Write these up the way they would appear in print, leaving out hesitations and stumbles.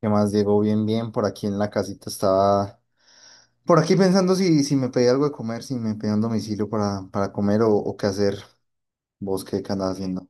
¿Qué más, Diego? Bien, bien, por aquí en la casita estaba, por aquí pensando si me pedía algo de comer, si me pedía un domicilio para comer o qué hacer, vos qué andás haciendo.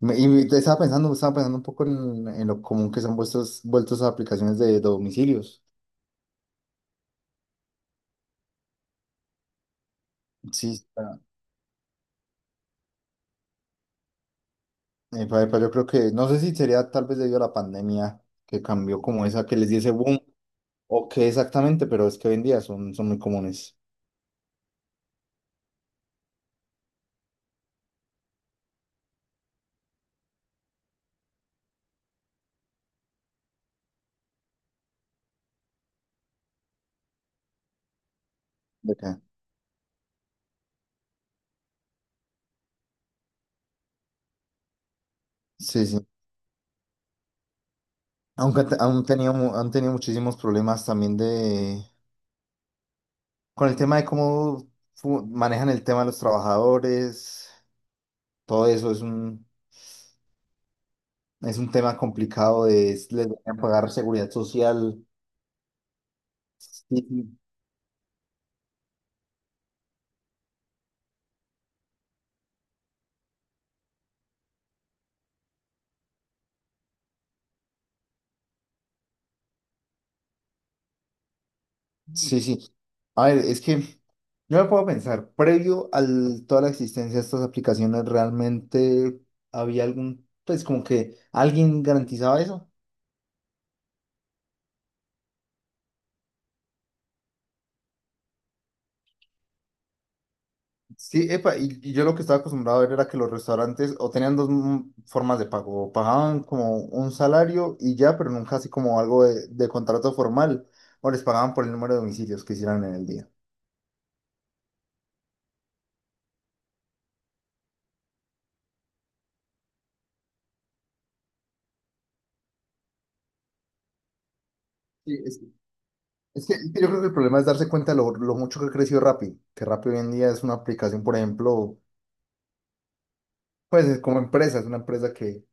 Estaba pensando un poco en lo común que se han vuelto esas aplicaciones de domicilios. Sí, sí, yo creo que, no sé si sería tal vez debido a la pandemia que cambió como esa, que les di ese boom o qué exactamente, pero es que hoy en día son muy comunes. ¿De qué? Sí, sí. Aunque han, te- han tenido, mu- han tenido muchísimos problemas también de. Con el tema de cómo manejan el tema de los trabajadores, todo eso es un tema complicado de les deberían pagar seguridad social. Sí, sí, sí. Sí. A ver, es que yo me puedo pensar, previo a toda la existencia de estas aplicaciones, ¿realmente había pues como que alguien garantizaba eso? Sí, epa, y yo lo que estaba acostumbrado a ver era que los restaurantes o tenían dos formas de pago, o pagaban como un salario y ya, pero nunca así como algo de contrato formal, o les pagaban por el número de domicilios que hicieran en el día. Sí, es que yo creo que el problema es darse cuenta lo mucho que creció Rappi, que Rappi hoy en día es una aplicación, por ejemplo, pues es como empresa, es una empresa que,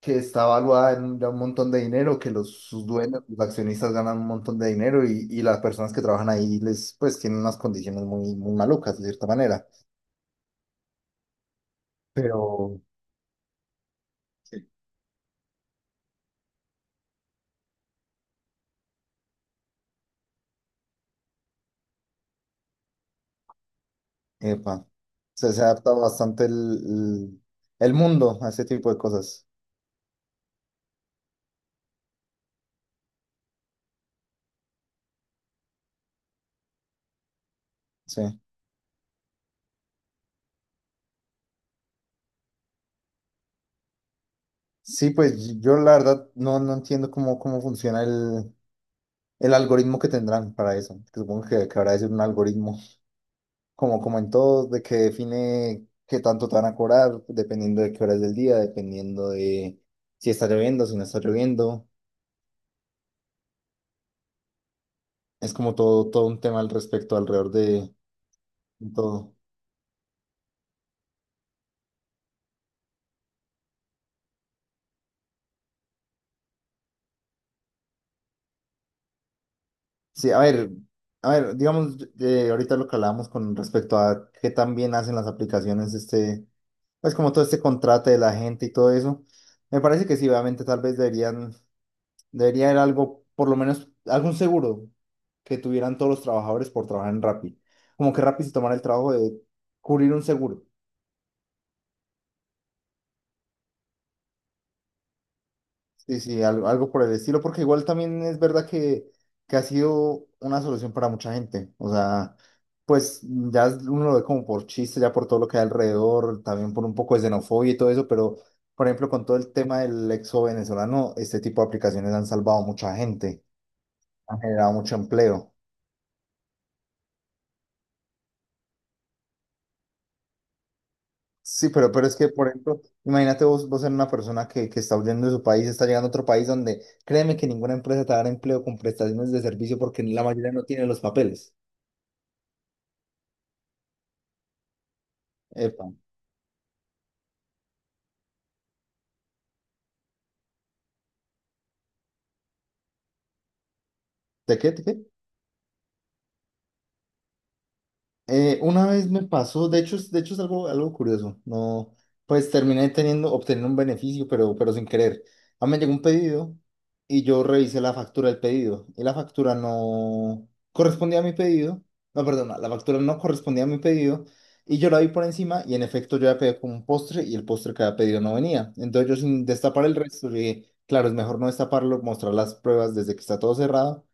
que está valuada en un, ya un montón de dinero, que sus dueños, los accionistas ganan un montón de dinero y las personas que trabajan ahí les, pues, tienen unas condiciones muy, muy malucas, de cierta manera. Pero. Sí. Epa, o se ha adaptado bastante el mundo a ese tipo de cosas. Sí. Sí, pues yo la verdad no entiendo cómo funciona el algoritmo que tendrán para eso. Que Supongo que habrá de ser un algoritmo como en todo, de que define qué tanto te van a cobrar, dependiendo de qué horas del día, dependiendo de si está lloviendo, si no está lloviendo. Es como todo, todo un tema al respecto, alrededor de todo. Sí, a ver, digamos, ahorita lo que hablábamos con respecto a qué tan bien hacen las aplicaciones, este, pues como todo este contrato de la gente y todo eso. Me parece que sí, obviamente tal vez debería haber algo, por lo menos algún seguro que tuvieran todos los trabajadores por trabajar en Rappi. Como que Rappi se tomara el trabajo de cubrir un seguro. Sí, sí, algo algo, por el estilo, porque igual también es verdad que, ha sido una solución para mucha gente. O sea, pues ya uno lo ve como por chiste, ya por todo lo que hay alrededor, también por un poco de xenofobia y todo eso, pero por ejemplo, con todo el tema del exo venezolano, este tipo de aplicaciones han salvado a mucha gente, han generado mucho empleo. Sí, pero es que, por ejemplo, imagínate vos, ser una persona que está huyendo de su país, está llegando a otro país donde créeme que ninguna empresa te dará empleo con prestaciones de servicio porque la mayoría no tiene los papeles. Epa, ¿de qué? ¿De qué? Una vez me pasó, de hecho, de hecho es algo, algo curioso, no, pues terminé obteniendo un beneficio, pero sin querer. A mí me llegó un pedido y yo revisé la factura del pedido y la factura no correspondía a mi pedido, no, perdona, la factura no correspondía a mi pedido y yo la vi por encima y en efecto yo había pedido como un postre y el postre que había pedido no venía. Entonces yo sin destapar el resto, yo dije, claro, es mejor no destaparlo, mostrar las pruebas desde que está todo cerrado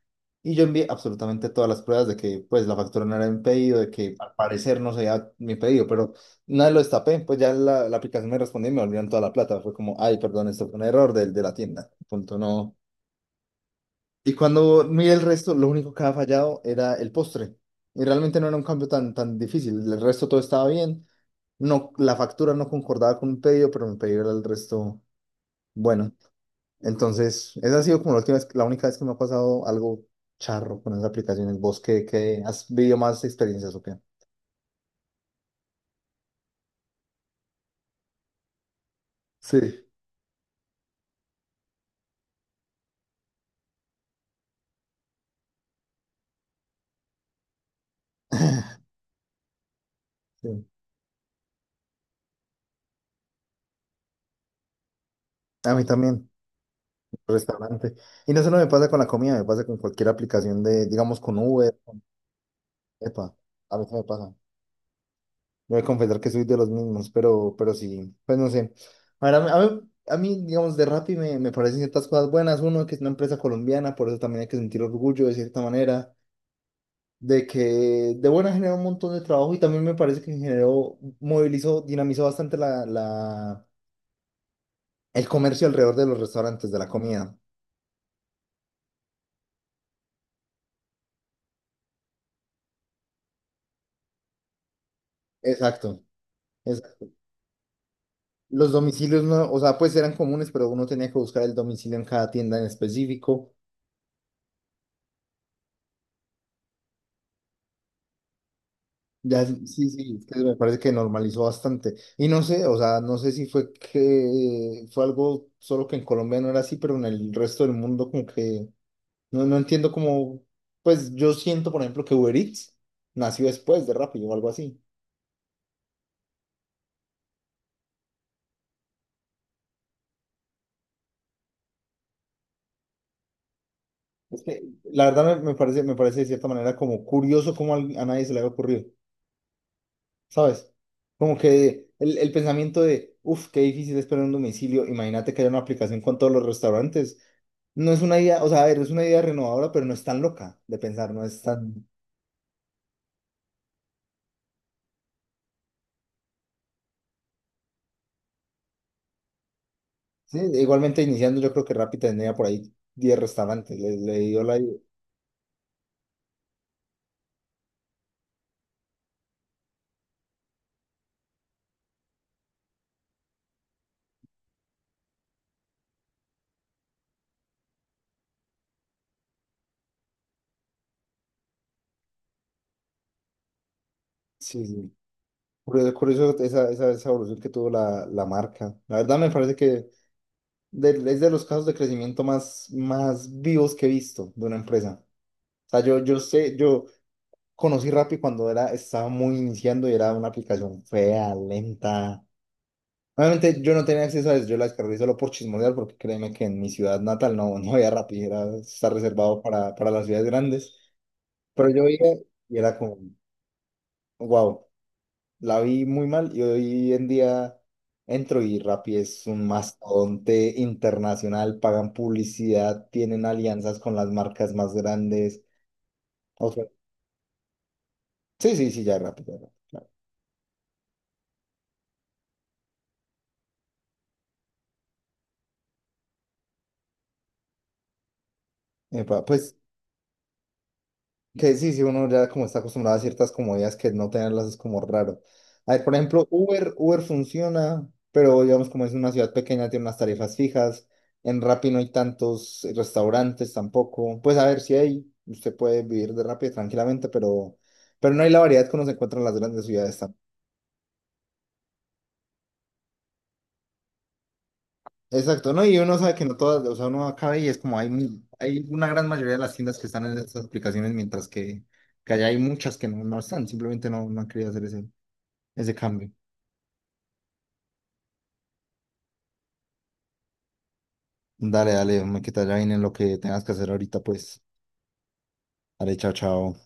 y yo envié absolutamente todas las pruebas de que pues la factura no era mi pedido, de que al parecer no sería mi pedido, pero nada lo destapé, pues ya la aplicación me respondió y me volvieron toda la plata. Fue como, ay, perdón, esto fue un error del de la tienda. Punto, no. Y cuando miré el resto, lo único que había fallado era el postre. Y realmente no era un cambio tan difícil. El resto todo estaba bien. No, la factura no concordaba con mi pedido, pero mi pedido era el resto bueno. Entonces, esa ha sido como la única vez que me ha pasado algo charro con esas aplicaciones. ¿Vos qué has vivido más experiencias o qué? Sí. Sí. A mí también, restaurante. Y no solo me pasa con la comida, me pasa con cualquier aplicación de, digamos, con Uber, con. Epa. A mí también me pasa. Voy a confesar que soy de los mismos, pero, sí, pues no sé. A ver, a mí- a mí, a mí, digamos, de Rappi me parecen ciertas cosas buenas. Uno, que es una empresa colombiana, por eso también hay que sentir orgullo de cierta manera. De que de buena generó un montón de trabajo y también me parece que generó, movilizó, dinamizó bastante el comercio alrededor de los restaurantes, de la comida. Exacto, exacto. Los domicilios no, o sea, pues eran comunes, pero uno tenía que buscar el domicilio en cada tienda en específico. Ya, sí, sí, sí, es que me parece que normalizó bastante. Y no sé, o sea, no sé si fue que fue algo solo que en Colombia no era así, pero en el resto del mundo como que no entiendo cómo, pues yo siento, por ejemplo, que Uber Eats nació después de Rappi o algo así. Es que la verdad me parece de cierta manera como curioso cómo a nadie se le había ocurrido, ¿sabes? Como que el pensamiento de, uff, qué difícil es poner un domicilio, imagínate que haya una aplicación con todos los restaurantes. No es una idea, o sea, a ver, es una idea renovadora, pero no es tan loca de pensar, no es tan. Sí, igualmente iniciando yo creo que Rappi tendría por ahí 10 restaurantes, le dio la. Sí, sí. Curioso, curioso esa evolución que tuvo la marca. La verdad me parece que es de los casos de crecimiento más, más vivos que he visto de una empresa. O sea, yo, sé, yo conocí Rappi cuando estaba muy iniciando y era una aplicación fea, lenta. Obviamente yo no tenía acceso a eso, yo la descargué solo por chismosear, porque créeme que en mi ciudad natal no, no había Rappi, está reservado para las ciudades grandes. Pero yo veía y era como, wow, la vi muy mal y hoy en día entro y Rappi es un mastodonte internacional, pagan publicidad, tienen alianzas con las marcas más grandes. O sea, sí, sí, sí, ya Rappi, claro. Epa, pues que sí, sí, uno ya como está acostumbrado a ciertas comodidades que no tenerlas es como raro. A ver, por ejemplo, Uber funciona, pero digamos como es una ciudad pequeña, tiene unas tarifas fijas. En Rappi no hay tantos restaurantes tampoco. Pues a ver si hay, usted puede vivir de Rappi tranquilamente, pero, no hay la variedad que uno se encuentra en las grandes ciudades. Exacto, ¿no? Y uno sabe que no todas, o sea, uno acaba y es como hay una gran mayoría de las tiendas que están en estas aplicaciones, mientras que allá hay muchas que no están, simplemente no han querido hacer ese cambio. Dale, dale, me quita ya en lo que tengas que hacer ahorita, pues. Dale, chao, chao.